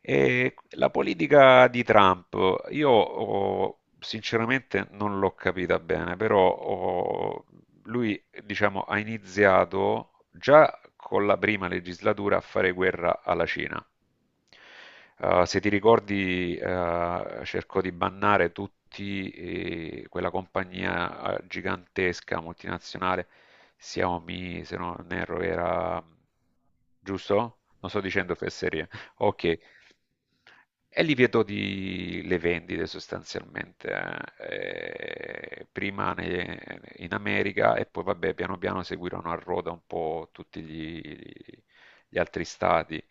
E la politica di Trump, io oh, sinceramente non l'ho capita bene, però oh, lui diciamo, ha iniziato già con la prima legislatura a fare guerra alla Cina. Se ti ricordi, cercò di bannare tutti quella compagnia gigantesca multinazionale Xiaomi, se non erro, era giusto? Non sto dicendo fesserie. Ok. E li vedo di, le vendite sostanzialmente, prima in America e poi vabbè piano piano seguirono a ruota un po' tutti gli altri stati.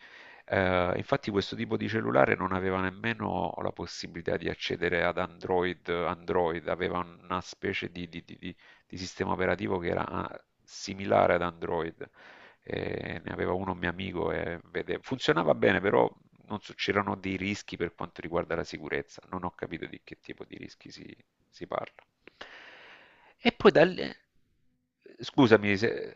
Infatti questo tipo di cellulare non aveva nemmeno la possibilità di accedere ad Android, Android aveva una specie di, di sistema operativo che era similare ad Android, ne aveva uno un mio amico e funzionava bene, però non so- c'erano dei rischi per quanto riguarda la sicurezza, non ho capito di che tipo di rischi si, si parla. E poi da lì, scusami se...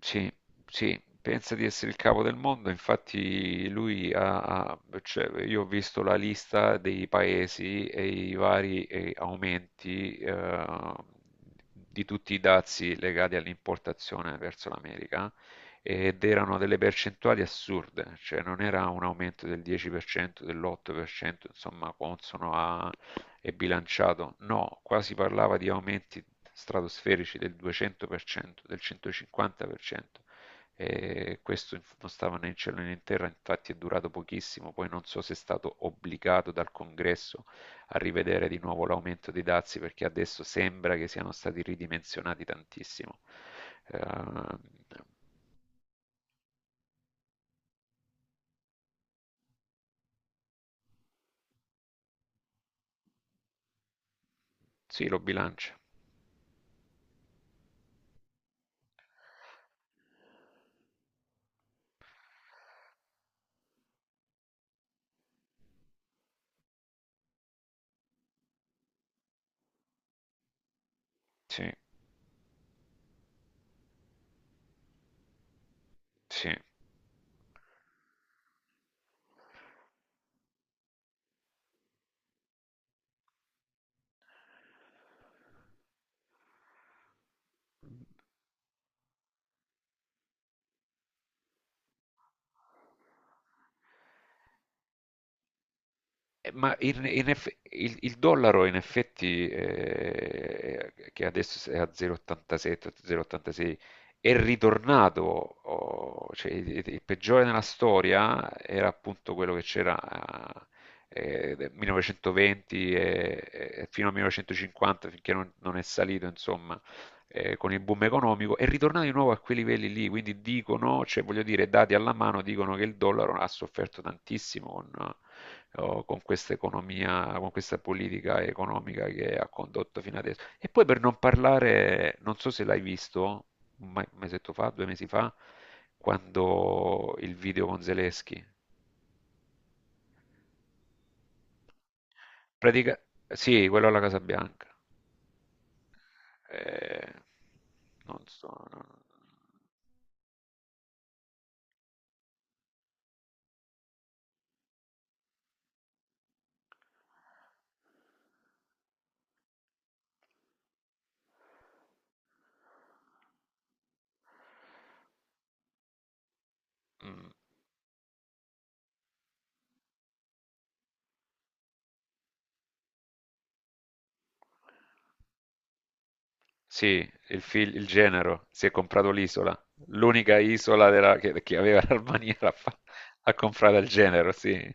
Sì, sì, pensa di essere il capo del mondo, infatti lui cioè, io ho visto la lista dei paesi e i vari aumenti di tutti i dazi legati all'importazione verso l'America, ed erano delle percentuali assurde, cioè non era un aumento del 10%, dell'8%, insomma, consono a e bilanciato, no, qua si parlava di aumenti stratosferici del 200%, del 150%, e questo non stava né in cielo né in terra, infatti è durato pochissimo, poi non so se è stato obbligato dal congresso a rivedere di nuovo l'aumento dei dazi perché adesso sembra che siano stati ridimensionati tantissimo. Eh, sì, lo bilancia, sì, sì. Ma il dollaro in effetti, che adesso è a 0,87, 0,86, è ritornato, oh, cioè, il peggiore nella storia era appunto quello che c'era nel 1920 e fino al 1950, finché non, non è salito, insomma, con il boom economico, è ritornato di nuovo a quei livelli lì, quindi dicono, cioè voglio dire, dati alla mano, dicono che il dollaro ha sofferto tantissimo con o con questa economia, con questa politica economica che ha condotto fino adesso. E poi per non parlare, non so se l'hai visto, un mesetto fa, due mesi fa, quando il video con Zelensky. Pratica- sì, quello alla Casa Bianca. Eh, non so. No. No. Mm, sì, il, il genero si è comprato l'isola, l'unica isola che aveva l'Albania ha comprato il genero, sì.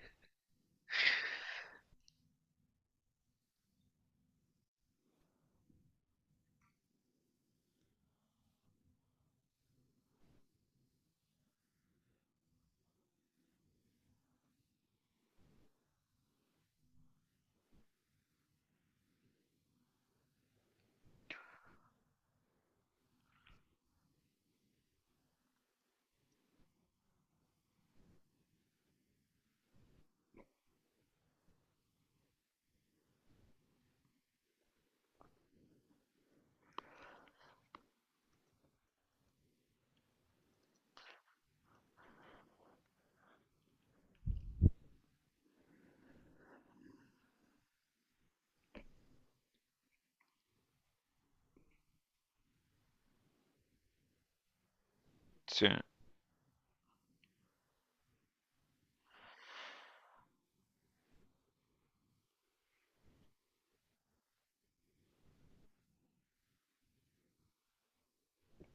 Sì,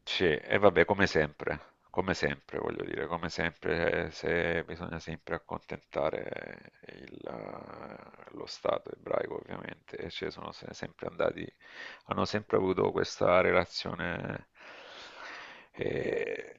sì, e vabbè, come sempre, voglio dire, come sempre, se bisogna sempre accontentare il, lo Stato ebraico, ovviamente, e ci sono sempre andati, hanno sempre avuto questa relazione, eh,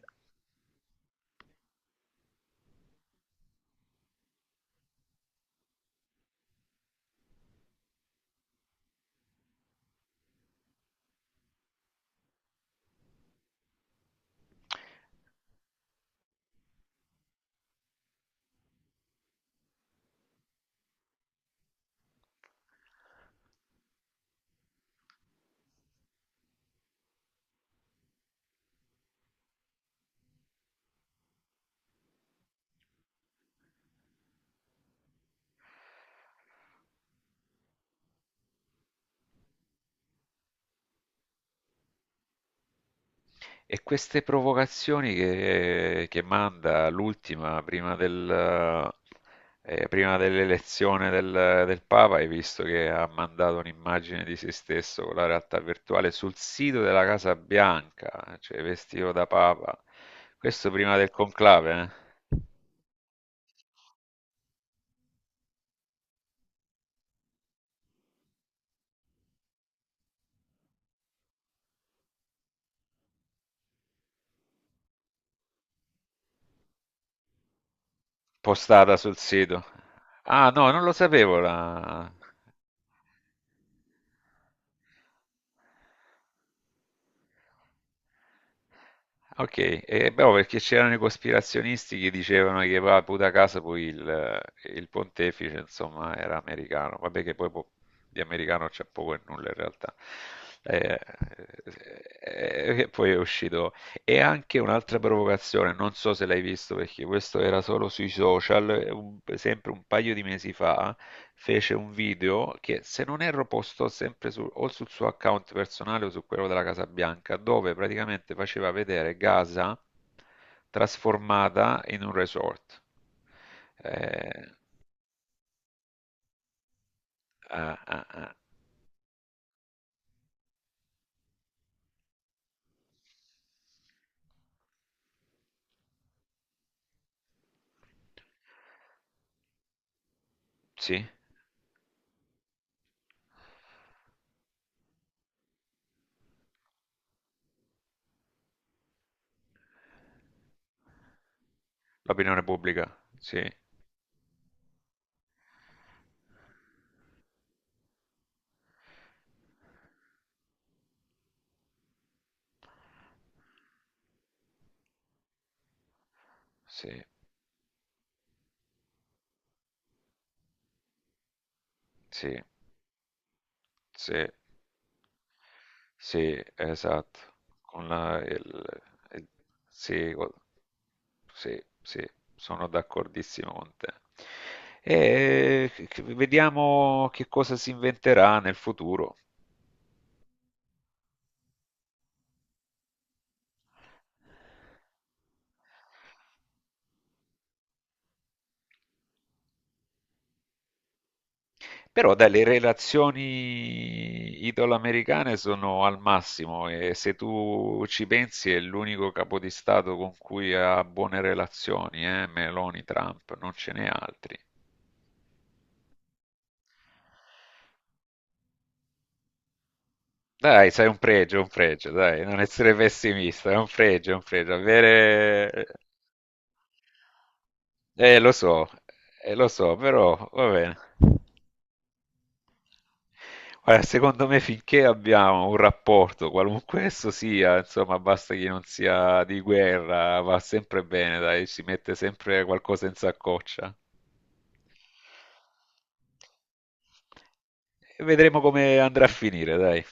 e queste provocazioni che manda l'ultima prima del, prima dell'elezione del, del Papa, hai visto che ha mandato un'immagine di se stesso con la realtà virtuale sul sito della Casa Bianca, cioè vestito da Papa. Questo prima del conclave, eh? Postata sul sito. Ah, no, non lo sapevo la... Ok, e beh, perché c'erano i cospirazionisti che dicevano che va puta casa poi il pontefice, insomma, era americano. Vabbè che poi di americano c'è poco e nulla in realtà. Eh, E poi è uscito e anche un'altra provocazione, non so se l'hai visto perché questo era solo sui social, sempre un paio di mesi fa, fece un video che se non erro postò sempre o sul suo account personale o su quello della Casa Bianca, dove praticamente faceva vedere Gaza trasformata in un resort. Eh, ah, ah, ah, sì, l'opinione pubblica, sì, sì, sì, sì. Sì, esatto. Con la, il, il- sì, sì, sì, sono d'accordissimo con te. E vediamo che cosa si inventerà nel futuro. Però dai, le relazioni italo-americane sono al massimo e se tu ci pensi è l'unico capo di Stato con cui ha buone relazioni, eh? Meloni, Trump, non ce n'è altri. Dai, sai, un pregio, dai, non essere pessimista, è un pregio, è un pregio. Avere... Eh, lo so, lo so, però va bene. Guarda, secondo me finché abbiamo un rapporto, qualunque esso sia, insomma, basta che non sia di guerra, va sempre bene, dai, si mette sempre qualcosa in saccoccia. E vedremo come andrà a finire, dai.